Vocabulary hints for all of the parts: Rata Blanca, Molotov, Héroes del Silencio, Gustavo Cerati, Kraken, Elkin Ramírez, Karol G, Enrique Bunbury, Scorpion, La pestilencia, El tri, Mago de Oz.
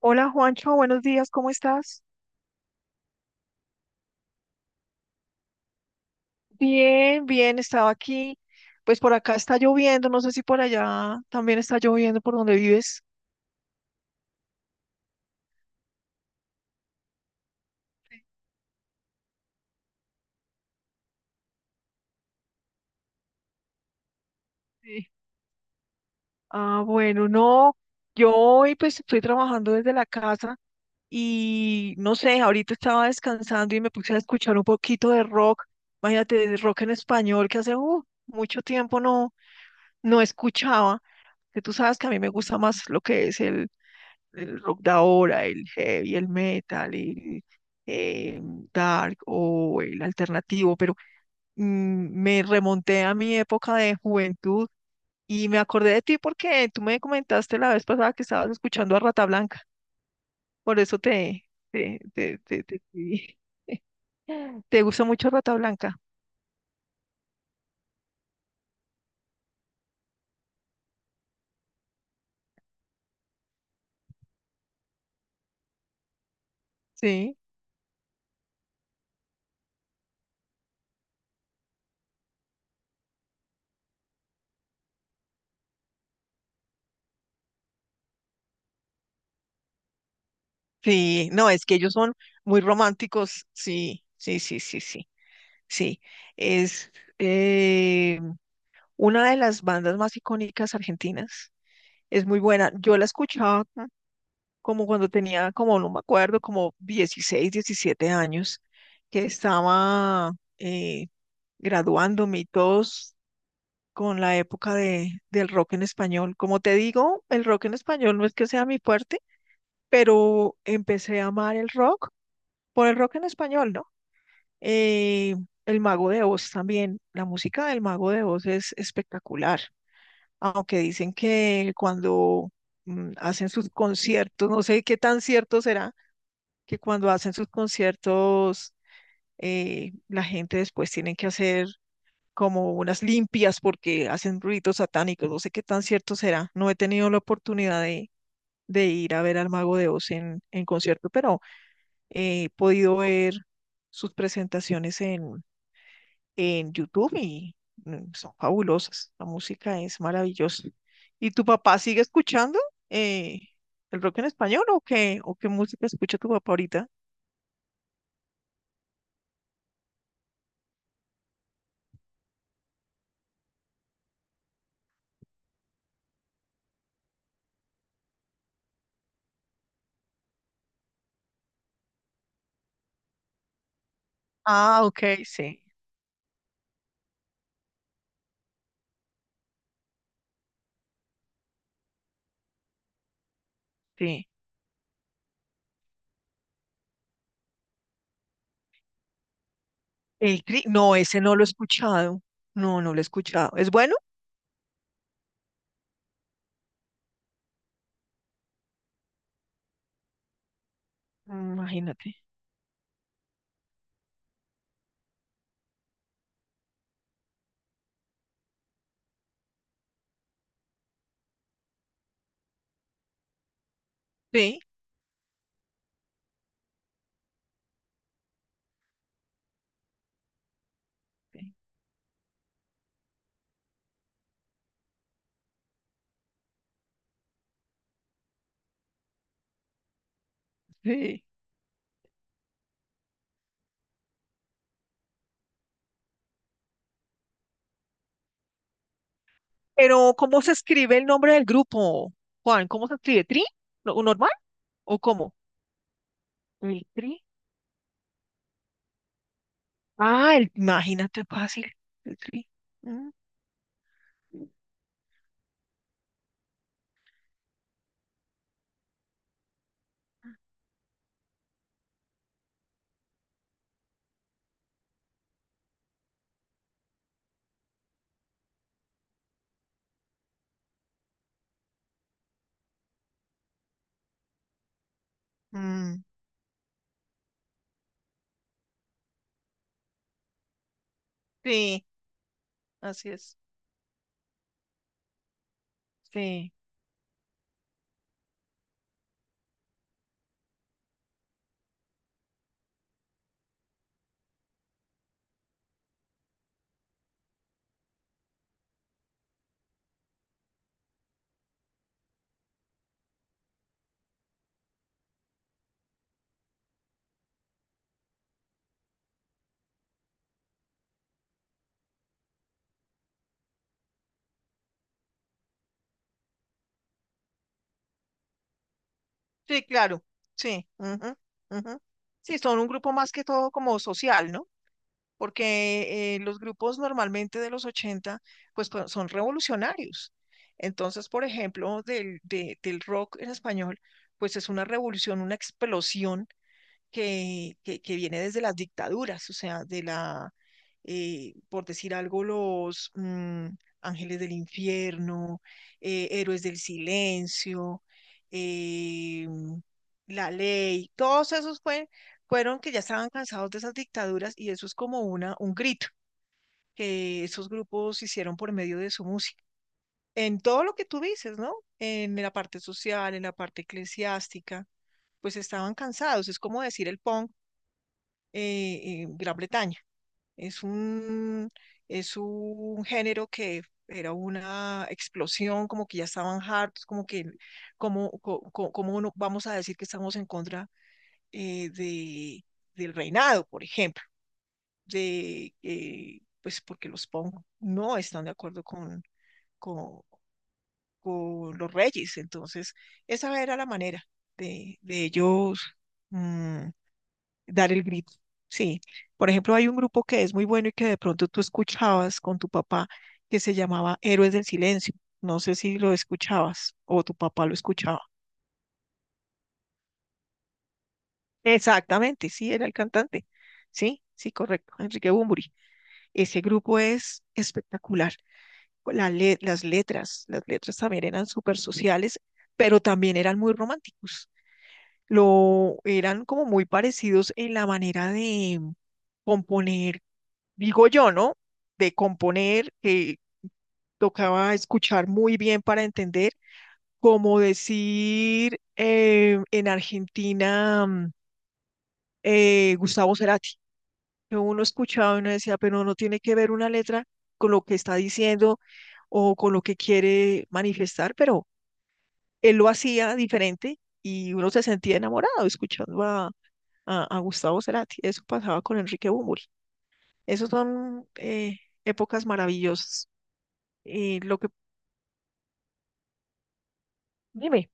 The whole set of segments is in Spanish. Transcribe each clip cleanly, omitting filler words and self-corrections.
Hola Juancho, buenos días, ¿cómo estás? Bien, bien, estaba aquí. Pues por acá está lloviendo, no sé si por allá también está lloviendo por donde vives. Sí. Ah, bueno, no, yo hoy pues estoy trabajando desde la casa y no sé, ahorita estaba descansando y me puse a escuchar un poquito de rock, imagínate, de rock en español que hace mucho tiempo no, no escuchaba, que tú sabes que a mí me gusta más lo que es el rock de ahora, el heavy, el metal, el eh, dark o el alternativo, pero me remonté a mi época de juventud y me acordé de ti porque tú me comentaste la vez pasada que estabas escuchando a Rata Blanca, por eso te escribí. ¿Te gusta mucho Rata Blanca? Sí. Sí, no, es que ellos son muy románticos. Sí, sí, sí, sí, sí, sí. Es, eh, una de las bandas más icónicas argentinas. Es muy buena. Yo la escuchaba como cuando tenía, como no me acuerdo, como 16, 17 años, que estaba eh, graduándome y todos con la época del rock en español. Como te digo, el rock en español no es que sea mi fuerte, pero empecé a amar el rock por el rock en español, ¿no? Eh, el Mago de Oz también, la música del Mago de Oz es espectacular. Aunque dicen que cuando hacen sus conciertos, no sé qué tan cierto será, que cuando hacen sus conciertos, la gente después tiene que hacer como unas limpias porque hacen ruidos satánicos, no sé qué tan cierto será. No he tenido la oportunidad de ir a ver al Mago de Oz en concierto, pero he podido ver sus presentaciones en YouTube y son fabulosas. La música es maravillosa. ¿Y tu papá sigue escuchando eh, el rock en español o qué música escucha tu papá ahorita? Ah, ok, sí, sí. No, ese no lo he escuchado. No, no lo he escuchado. ¿Es bueno? Imagínate. Sí, sí, sí. Pero, ¿cómo se escribe el nombre del grupo, Juan? ¿Cómo se escribe? ¿Tri? ¿Normal? ¿O cómo? El tri. Ah, el, imagínate fácil. El tri. Mm. Mm, sí, así es. Sí, sí, claro. Sí. Ujú, ujú. Sí, son un grupo más que todo como social, ¿no? Porque los grupos normalmente de los 80 pues, son revolucionarios. Entonces, por ejemplo, del rock en español, pues es una revolución, una explosión que viene desde las dictaduras, o sea, de la, por decir algo, los ángeles del infierno, héroes del silencio, eh, la ley, todos esos fueron que ya estaban cansados de esas dictaduras y eso es como una, un grito que esos grupos hicieron por medio de su música. En todo lo que tú dices, ¿no? En la parte social, en la parte eclesiástica, pues estaban cansados. Es como decir el punk en Gran Bretaña. Es un, es un género que era una explosión, como que ya estaban hartos, como que, como vamos a decir que estamos en contra eh, de, del reinado, por ejemplo, pues porque los Pong no están de acuerdo con, con los reyes. Entonces, esa era la manera de ellos. mm, dar el grito. Sí. Por ejemplo, hay un grupo que es muy bueno y que de pronto tú escuchabas con tu papá que se llamaba Héroes del Silencio. No sé si lo escuchabas o tu papá lo escuchaba. Exactamente, sí, era el cantante. Sí, sí, correcto. Enrique Bunbury. Ese grupo es espectacular. Las letras, las letras también eran súper sociales, pero también eran muy románticos. Lo eran como muy parecidos en la manera de componer digo yo, ¿no? De componer, que tocaba escuchar muy bien para entender, como decir en Argentina Gustavo Cerati, que uno escuchaba y uno decía, pero no tiene que ver una letra con lo que está diciendo o con lo que quiere manifestar, pero él lo hacía diferente y uno se sentía enamorado escuchando a Gustavo Cerati. Eso pasaba con Enrique Bunbury. Esas son épocas maravillosas. Y lo que Dime.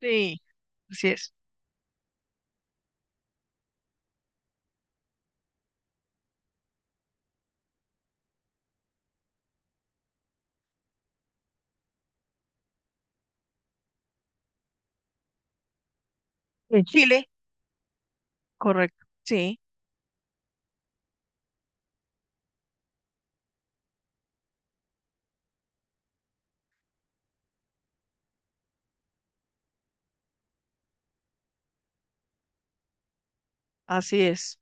Sí, así es. En Chile, correcto. Sí, así es.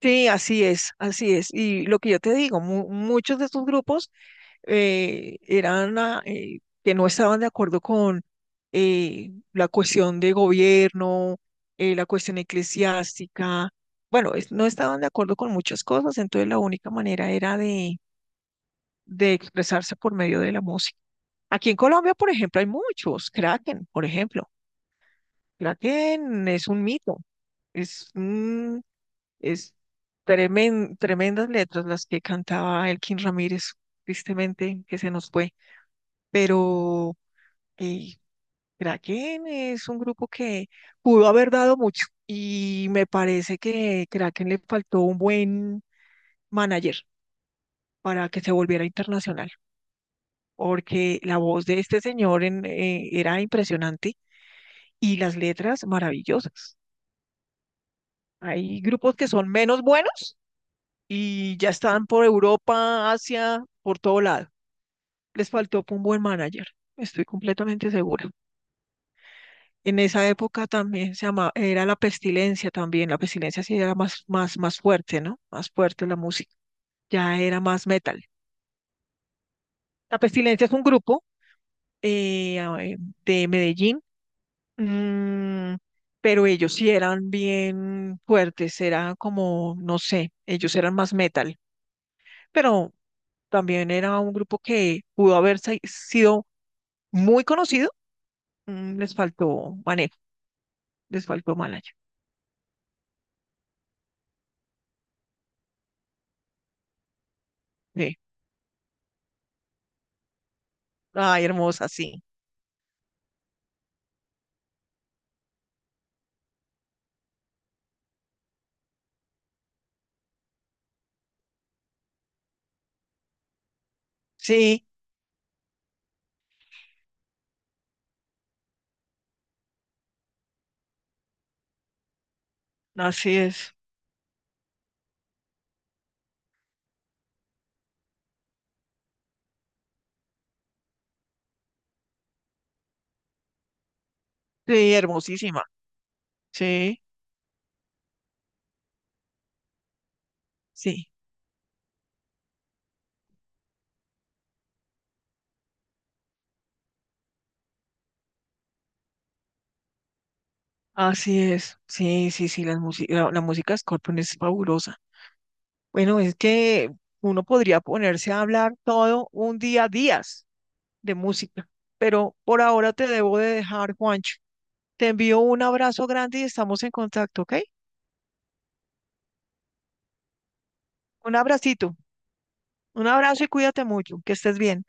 Sí, así es, así es. Y lo que yo te digo, muchos de estos grupos eran que no estaban de acuerdo con la cuestión de gobierno, la cuestión eclesiástica. Bueno, no estaban de acuerdo con muchas cosas, entonces la única manera era de expresarse por medio de la música. Aquí en Colombia, por ejemplo, hay muchos, Kraken, por ejemplo. Kraken es un mito, es, un- es tremen- tremendas letras las que cantaba Elkin Ramírez, tristemente que se nos fue, pero eh, Kraken es un grupo que pudo haber dado mucho y me parece que Kraken le faltó un buen manager para que se volviera internacional, porque la voz de este señor era impresionante y las letras maravillosas. Hay grupos que son menos buenos y ya están por Europa, Asia, por todo lado. Les faltó un buen manager, estoy completamente segura. En esa época también se llamaba, era la pestilencia también, la pestilencia sí era más, más, más fuerte, ¿no? Más fuerte la música, ya era más metal. La pestilencia es un grupo a ver, de Medellín, mm, pero ellos sí eran bien fuertes, era como, no sé, ellos eran más metal, pero también era un grupo que pudo haber sido muy conocido, les faltó manejo, les faltó malayo. Sí. Ay, hermosa, sí. Sí, así es. Sí, hermosísima. Sí, sí, así es. Sí, sí, sí, la música de Scorpion es fabulosa. Bueno, es que uno podría ponerse a hablar todo un día, días de música, pero por ahora te debo de dejar, Juancho. Te envío un abrazo grande y estamos en contacto, ¿ok? Un abracito, un abrazo y cuídate mucho, que estés bien.